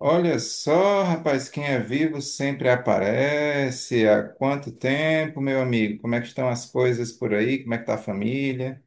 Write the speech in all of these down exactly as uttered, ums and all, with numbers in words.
Olha só, rapaz, quem é vivo sempre aparece. Há quanto tempo, meu amigo? Como é que estão as coisas por aí? Como é que tá a família?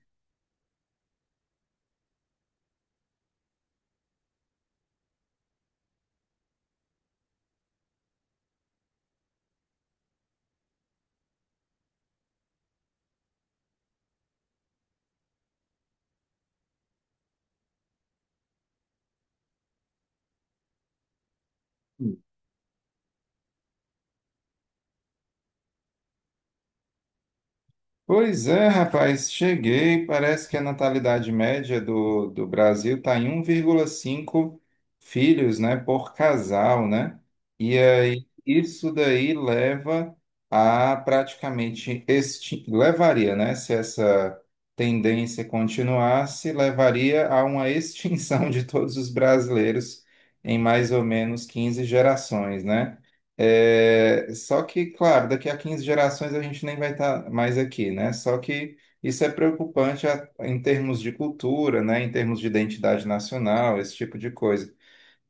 Pois é, rapaz, cheguei. Parece que a natalidade média do, do Brasil está em um vírgula cinco filhos, né, por casal, né? E aí isso daí leva a praticamente extin... levaria, né, se essa tendência continuasse, levaria a uma extinção de todos os brasileiros em mais ou menos quinze gerações, né? É, só que, claro, daqui a quinze gerações a gente nem vai estar mais aqui, né? Só que isso é preocupante a- em termos de cultura, né? Em termos de identidade nacional, esse tipo de coisa.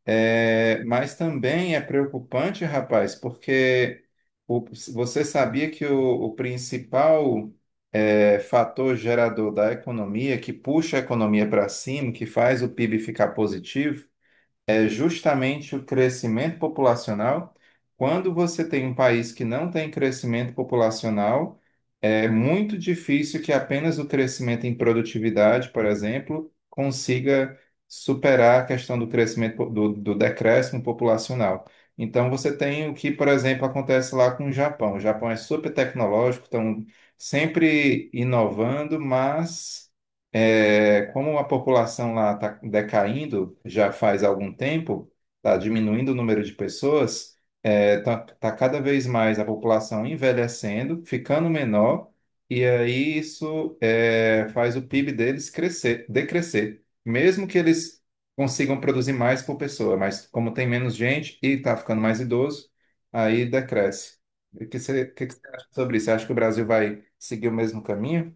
É, mas também é preocupante, rapaz, porque o- você sabia que o, o principal é, fator gerador da economia, que puxa a economia para cima, que faz o PIB ficar positivo, é justamente o crescimento populacional. Quando você tem um país que não tem crescimento populacional, é muito difícil que apenas o crescimento em produtividade, por exemplo, consiga superar a questão do crescimento po- do, do decréscimo populacional. Então você tem o que, por exemplo, acontece lá com o Japão. O Japão é super tecnológico, estão sempre inovando, mas é, como a população lá está decaindo já faz algum tempo, está diminuindo o número de pessoas, está cada vez mais a população envelhecendo, ficando menor, e aí isso é, faz o PIB deles crescer, decrescer, mesmo que eles consigam produzir mais por pessoa, mas como tem menos gente e está ficando mais idoso, aí decresce. O que você, o que você acha sobre isso? Você acha que o Brasil vai seguir o mesmo caminho?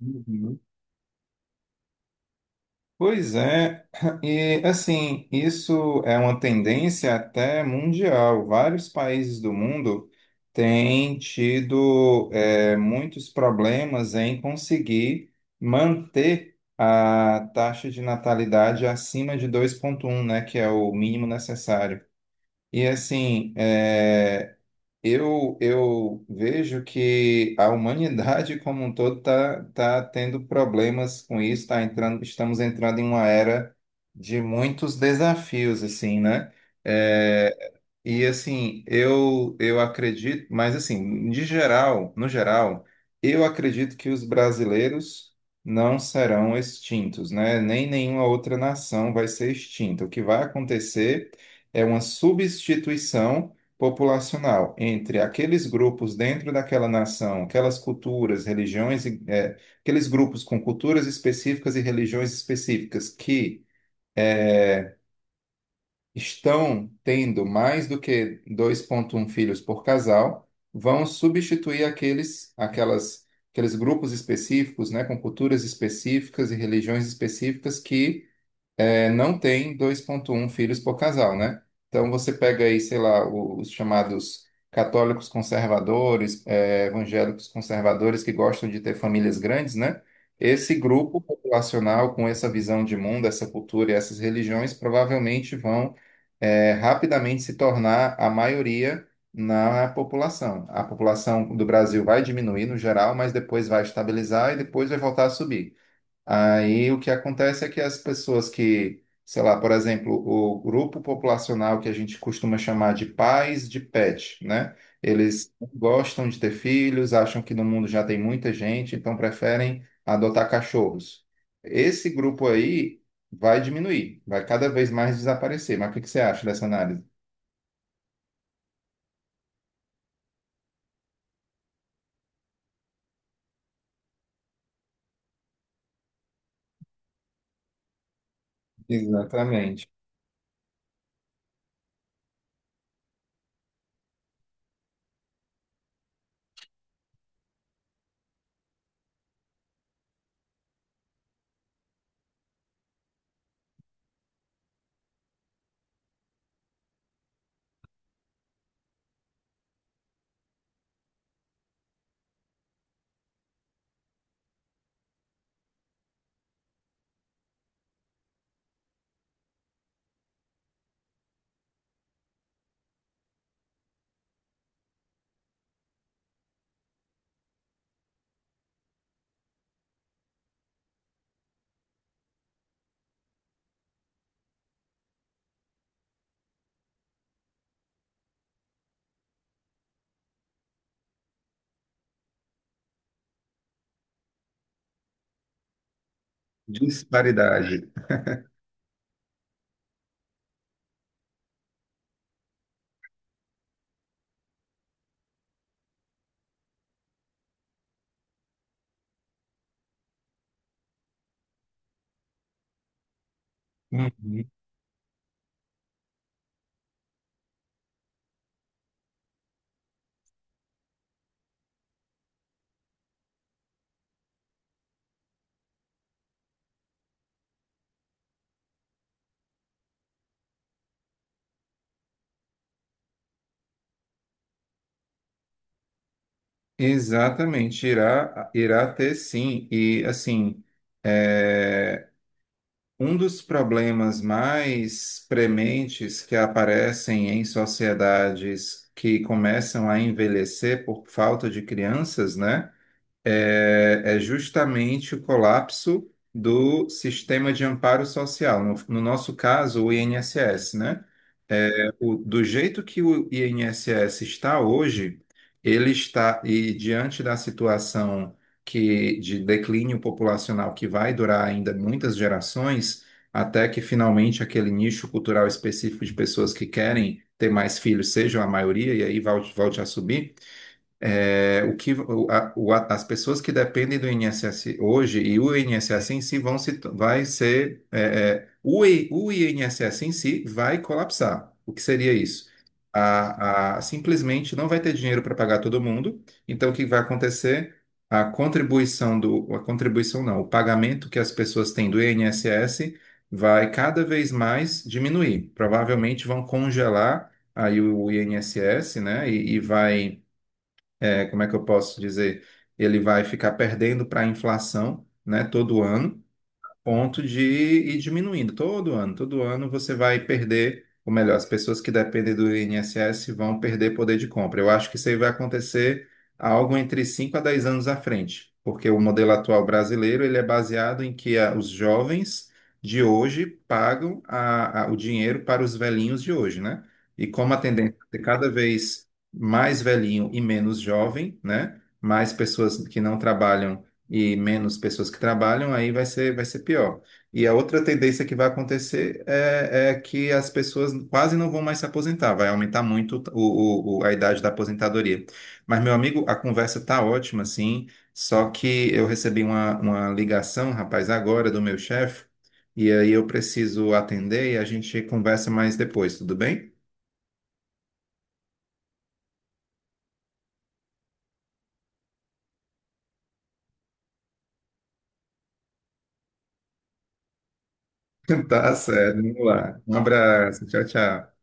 Uhum. Pois é, e assim, isso é uma tendência até mundial. Vários países do mundo têm tido eh, muitos problemas em conseguir manter a taxa de natalidade acima de dois vírgula um, né, que é o mínimo necessário. E assim, é, eu, eu vejo que a humanidade como um todo está tá tá tendo problemas com isso, tá entrando, estamos entrando em uma era de muitos desafios, assim, né? É, e assim, eu eu acredito, mas assim, de geral, no geral, eu acredito que os brasileiros não serão extintos, né? Nem nenhuma outra nação vai ser extinta. O que vai acontecer é uma substituição populacional entre aqueles grupos dentro daquela nação, aquelas culturas, religiões, e, eh, aqueles grupos com culturas específicas e religiões específicas que é, estão tendo mais do que dois vírgula um filhos por casal, vão substituir aqueles, aquelas, aqueles grupos específicos, né, com culturas específicas e religiões específicas que é, não tem dois vírgula um filhos por casal, né? Então você pega aí, sei lá, o- os chamados católicos conservadores, é, evangélicos conservadores que gostam de ter famílias grandes, né? Esse grupo populacional com essa visão de mundo, essa cultura e essas religiões provavelmente vão é, rapidamente se tornar a maioria na população. A população do Brasil vai diminuir no geral, mas depois vai estabilizar e depois vai voltar a subir. Aí o que acontece é que as pessoas que, sei lá, por exemplo, o grupo populacional que a gente costuma chamar de pais de pet, né? Eles não gostam de ter filhos, acham que no mundo já tem muita gente, então preferem adotar cachorros. Esse grupo aí vai diminuir, vai cada vez mais desaparecer. Mas o que que você acha dessa análise? Exatamente. Disparidade. Uhum. Exatamente, irá, irá ter sim. E assim, é, Um dos problemas mais prementes que aparecem em sociedades que começam a envelhecer por falta de crianças, né? é, é justamente o colapso do sistema de amparo social, no, no nosso caso, o I N S S, né? É, o- do jeito que o I N S S está hoje, ele está, e diante da situação que, de declínio populacional que vai durar ainda muitas gerações, até que finalmente aquele nicho cultural específico de pessoas que querem ter mais filhos sejam a maioria, e aí volte, volte a subir. É, o que, o- a- o- a- as pessoas que dependem do I N S S hoje e o I N S S em si vão se, vai ser, é, é, o, I- o I N S S em si vai colapsar. O que seria isso? A, a- simplesmente não vai ter dinheiro para pagar todo mundo, então o que vai acontecer? A contribuição do, a contribuição não, o pagamento que as pessoas têm do I N S S vai cada vez mais diminuir. Provavelmente vão congelar aí o I N S S, né? e e vai é, como é que eu posso dizer? Ele vai ficar perdendo para a inflação, né, todo ano ponto de ir diminuindo todo ano. Todo ano você vai perder, ou melhor, as pessoas que dependem do I N S S vão perder poder de compra. Eu acho que isso aí vai acontecer algo entre cinco a dez anos à frente, porque o modelo atual brasileiro ele é baseado em que ah, os jovens de hoje pagam a- a- o dinheiro para os velhinhos de hoje, né? E como a tendência é ter cada vez mais velhinho e menos jovem, né? Mais pessoas que não trabalham e menos pessoas que trabalham, aí vai ser, vai ser pior. E a outra tendência que vai acontecer é, é que as pessoas quase não vão mais se aposentar, vai aumentar muito o, o- o- a idade da aposentadoria. Mas, meu amigo, a conversa tá ótima, sim, só que eu recebi uma, uma ligação, rapaz, agora do meu chefe, e aí eu preciso atender e a gente conversa mais depois, tudo bem? Tá certo, vamos lá. Um abraço, tchau, tchau.